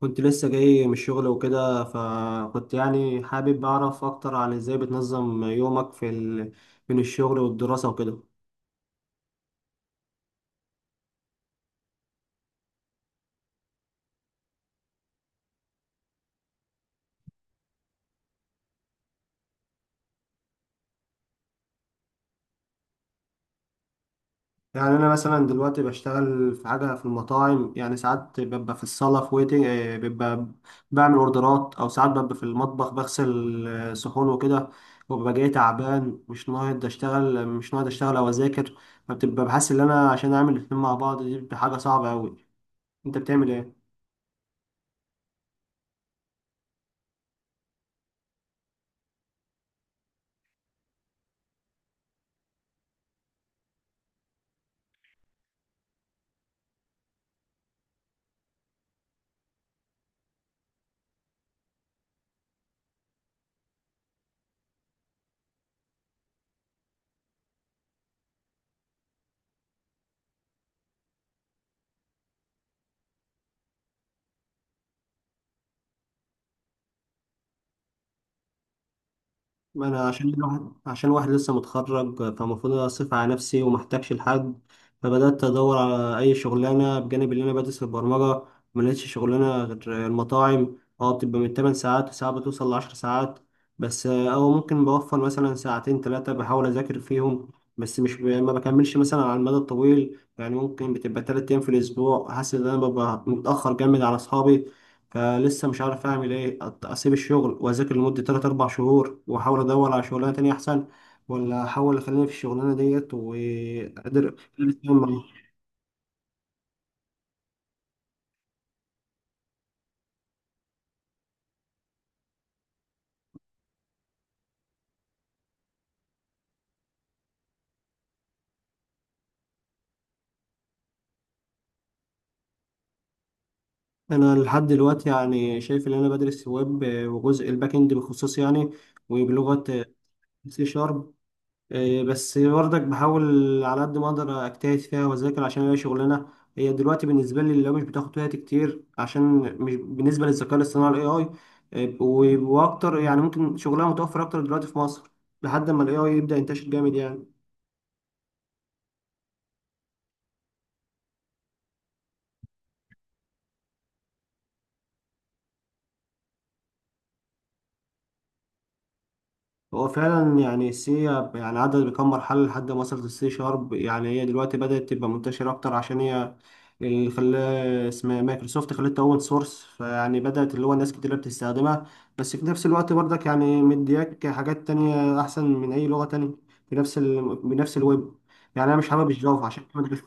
كنت لسه جاي من الشغل وكده فكنت يعني حابب أعرف أكتر عن إزاي بتنظم يومك في بين الشغل والدراسة وكده. يعني أنا مثلا دلوقتي بشتغل في حاجة في المطاعم، يعني ساعات ببقى في الصالة في ويتنج، ببقى بعمل أوردرات، أو ساعات ببقى في المطبخ بغسل صحون وكده، وببقى جاي تعبان، مش ناقد أشتغل، أو أذاكر. فبتبقى بحس إن أنا عشان أعمل الاتنين مع بعض دي بتبقى حاجة صعبة أوي. أنت بتعمل إيه؟ ما انا عشان واحد لسه متخرج، فالمفروض اصرف على نفسي ومحتاجش لحد. فبدات ادور على اي شغلانه بجانب اللي انا بدرس، البرمجه. ما لقيتش شغلانه غير المطاعم، اه بتبقى من 8 ساعات وساعات بتوصل ل 10 ساعات، بس او ممكن بوفر مثلا ساعتين ثلاثه بحاول اذاكر فيهم. بس مش ب... ما بكملش مثلا على المدى الطويل، يعني ممكن بتبقى 3 ايام في الاسبوع حاسس ان انا ببقى متاخر جامد على اصحابي. فلسه مش عارف اعمل ايه، اسيب الشغل واذاكر لمده 3 4 شهور واحاول ادور على شغلانه تانية احسن، ولا احاول اخليني في الشغلانه ديت وقادر. انا لحد دلوقتي يعني شايف ان انا بدرس ويب، وجزء الباك اند بخصوص يعني، وبلغه سي شارب. إيه، بس برضك بحاول على قد ما اقدر اجتهد فيها واذاكر، عشان هي شغلانه هي دلوقتي بالنسبه لي لو مش بتاخد وقت كتير، عشان مش بالنسبه للذكاء الاصطناعي الاي اي. إيه، واكتر، يعني ممكن شغلها متوفر اكتر دلوقتي في مصر لحد ما الاي اي يبدا ينتشر جامد يعني. هو فعلا يعني السي يعني عدت بكم مرحلة لحد ما وصلت السي شارب، يعني هي دلوقتي بدأت تبقى منتشرة أكتر، عشان هي اللي خلاه اسمها مايكروسوفت خلتها أوبن سورس، فيعني بدأت اللي هو ناس كتير بتستخدمها. بس في نفس الوقت برضك يعني مدياك حاجات تانية أحسن من أي لغة تانية في نفس بنفس الويب. يعني أنا مش حابب الجافا عشان كده.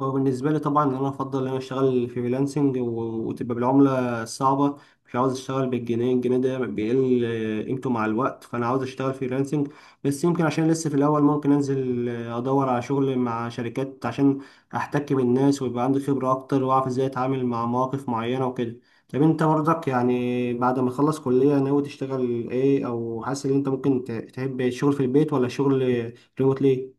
هو بالنسبة لي طبعا أنا أفضل إن أنا أشتغل فريلانسنج، وتبقى بالعملة الصعبة. مش عاوز أشتغل بالجنيه، الجنيه ده بيقل قيمته مع الوقت، فأنا عاوز أشتغل فريلانسنج. بس يمكن عشان لسه في الأول ممكن أنزل، أدور على شغل مع شركات، عشان أحتك بالناس ويبقى عندي خبرة أكتر وأعرف إزاي أتعامل مع مواقف معينة وكده. طب أنت برضك يعني بعد ما تخلص كلية ناوي تشتغل إيه، أو حاسس إن أنت ممكن تحب الشغل في البيت ولا شغل ريموتلي؟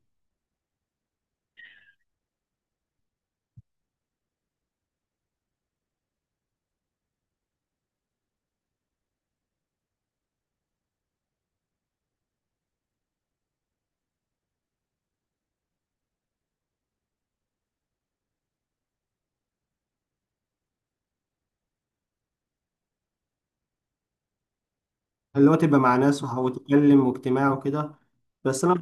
اللي هو تبقى مع ناس وتتكلم واجتماع وكده. بس انا،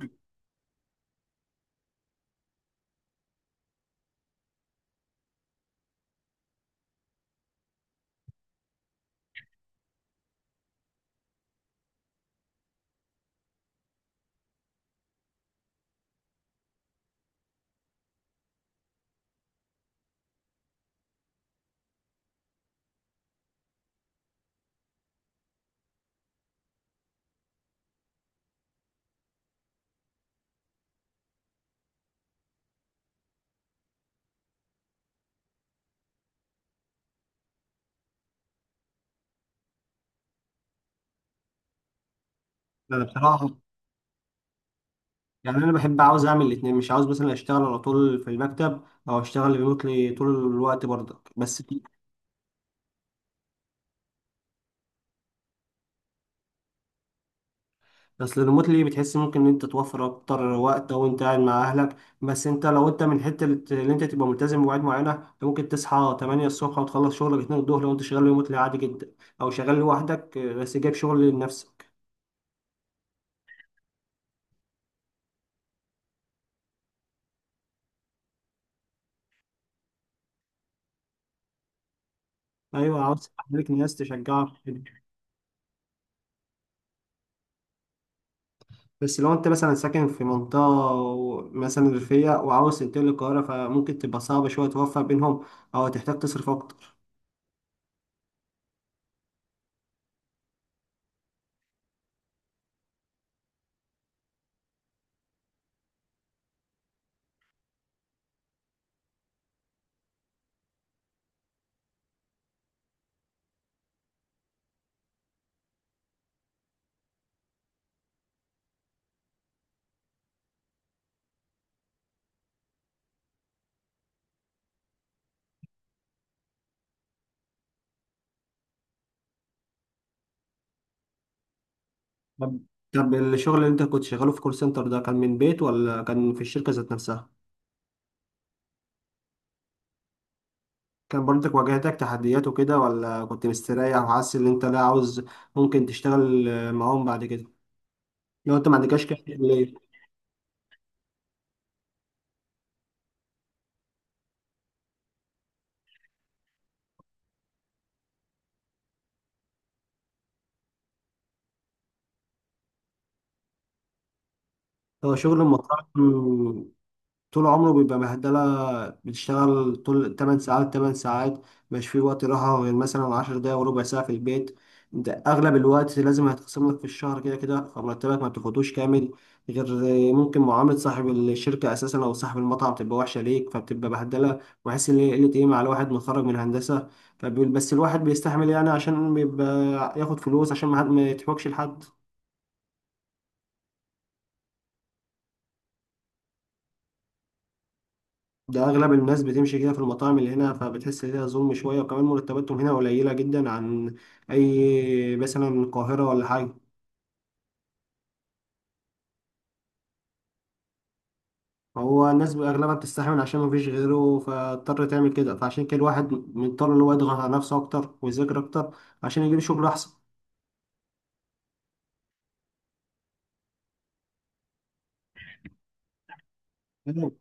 أنا بصراحه يعني انا بحب، عاوز اعمل الاثنين، مش عاوز مثلا اشتغل على طول في المكتب او اشتغل ريموتلي طول الوقت برضك بس. بس الريموتلي بتحس ممكن ان انت توفر اكتر وقت او انت قاعد مع اهلك، بس انت لو انت من حته اللي انت تبقى ملتزم بمواعيد معينه، أنت ممكن تصحى 8 الصبح وتخلص شغلك 2 الظهر لو انت شغال ريموتلي عادي جدا، او شغال لوحدك بس جايب شغل لنفسك. ايوه، عاوز تخليك ناس تشجعك. بس لو انت مثلا ساكن في منطقة مثلا ريفية وعاوز تنتقل للقاهرة، فممكن تبقى صعبة شوية توفق بينهم، أو هتحتاج تصرف أكتر. طب طب الشغل اللي انت كنت شغاله في كول سنتر ده كان من بيت ولا كان في الشركة ذات نفسها؟ كان برضك واجهتك تحديات وكده ولا كنت مستريح وحاسس ان انت لا عاوز، ممكن تشتغل معاهم بعد كده؟ لو انت ما عندكش كده ليه؟ هو شغل المطاعم طول عمره بيبقى بهدلة، بتشتغل طول 8 ساعات 8 ساعات، مش في وقت راحة غير مثلا 10 دقايق وربع ساعة في البيت. انت اغلب الوقت لازم هيتقسم لك في الشهر كده كده، فمرتبك ما بتاخدوش كامل، غير ممكن معاملة صاحب الشركة اساسا او صاحب المطعم تبقى وحشة ليك فبتبقى بهدلة، وحاسس ان هي قلة قيمة على واحد متخرج من هندسة. فبيقول بس الواحد بيستحمل يعني، عشان بيبقى ياخد فلوس، عشان ما يتحوكش لحد. ده اغلب الناس بتمشي كده في المطاعم اللي هنا، فبتحس ان هي ظلم شويه، وكمان مرتباتهم هنا قليله جدا عن اي مثلا القاهره ولا حاجه. هو الناس اغلبها بتستحمل عشان مفيش غيره فاضطر تعمل كده، فعشان كده الواحد مضطر ان هو يضغط على نفسه اكتر ويذاكر اكتر عشان يجيب شغل احسن. أيوة.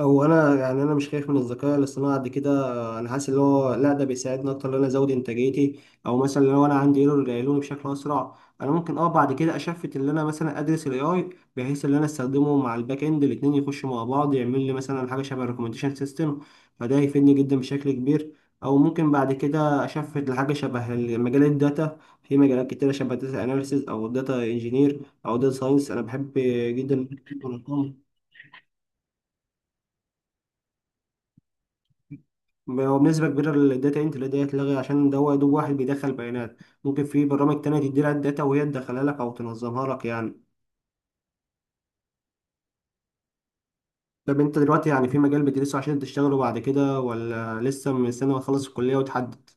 هو انا يعني انا مش خايف من الذكاء الاصطناعي قد كده، انا حاسس ان هو لا، ده بيساعدني اكتر ان انا ازود انتاجيتي، او مثلا لو انا عندي ايرور يلاقوني بشكل اسرع. انا ممكن اه بعد كده اشفت ان انا مثلا ادرس الاي اي، بحيث ان انا استخدمه مع الباك اند الاتنين يخشوا مع بعض، يعمل لي مثلا حاجه شبه ريكومنديشن سيستم، فده هيفيدني جدا بشكل كبير. او ممكن بعد كده اشفت لحاجه شبه مجال الداتا، في مجالات كتيره شبه داتا اناليسيز او داتا انجينير او داتا ساينس، انا بحب جدا. هو بنسبة كبيرة الداتا انتر دي هتلغي، عشان ده هو يا دوب واحد بيدخل بيانات، ممكن في برامج تانية تدي لها الداتا وهي تدخلها لك أو تنظمها لك يعني. طب انت دلوقتي يعني في مجال بتدرسه عشان تشتغله بعد كده ولا لسه مستني ما تخلص الكلية وتحدد؟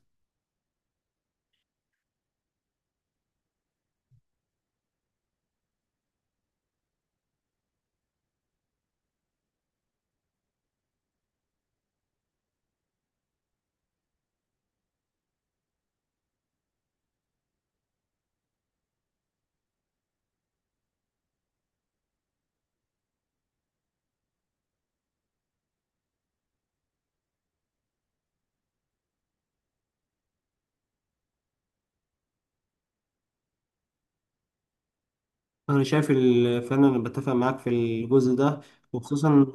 أنا شايف فعلا أنا بتفق معاك في الجزء ده، وخصوصا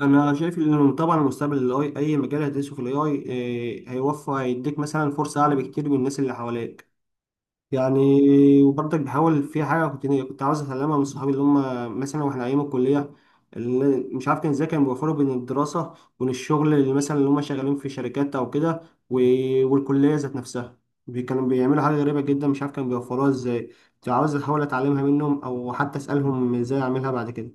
أنا شايف إن طبعا المستقبل ال AI، أي مجال هتدرسه في ال AI إيه، هيوفر، هيديك مثلا فرصة أعلى بكتير من الناس اللي حواليك. يعني، وبرضك بحاول في حاجة كنت عاوز أتعلمها من صحابي، اللي هم مثلا وإحنا أيام الكلية، اللي مش عارف كان إزاي كانوا بيوفروا بين الدراسة وبين الشغل، اللي مثلا اللي هم شغالين في شركات أو كده، والكلية ذات نفسها، كانوا بيعملوا حاجة غريبة جدا، مش عارف كانوا بيوفروها إزاي، كنت عاوز أحاول أتعلمها منهم أو حتى أسألهم إزاي أعملها بعد كده.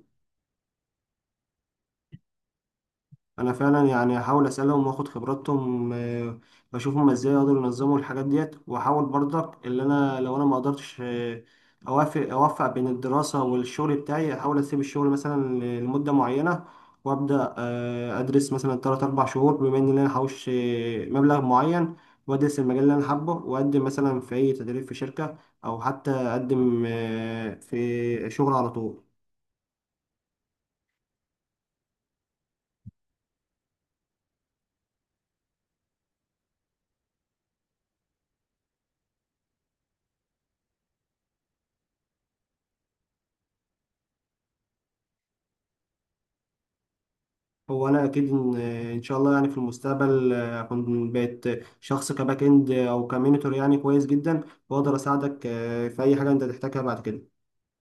انا فعلا يعني هحاول اسالهم واخد خبراتهم، واشوف هما ازاي يقدروا ينظموا الحاجات ديت، واحاول برضك اللي انا لو انا ما قدرتش، اوفق بين الدراسه والشغل بتاعي، احاول اسيب الشغل مثلا لمده معينه، وابدا ادرس مثلا 3 4 شهور، بما ان انا هحوش مبلغ معين، وادرس المجال اللي انا حابه، واقدم مثلا في اي تدريب في شركه، او حتى اقدم في شغل على طول. هو انا اكيد ان إن شاء الله يعني في المستقبل اكون بقيت شخص كباك اند او كمينيتور يعني كويس جدا، واقدر اساعدك في اي حاجه انت تحتاجها بعد كده.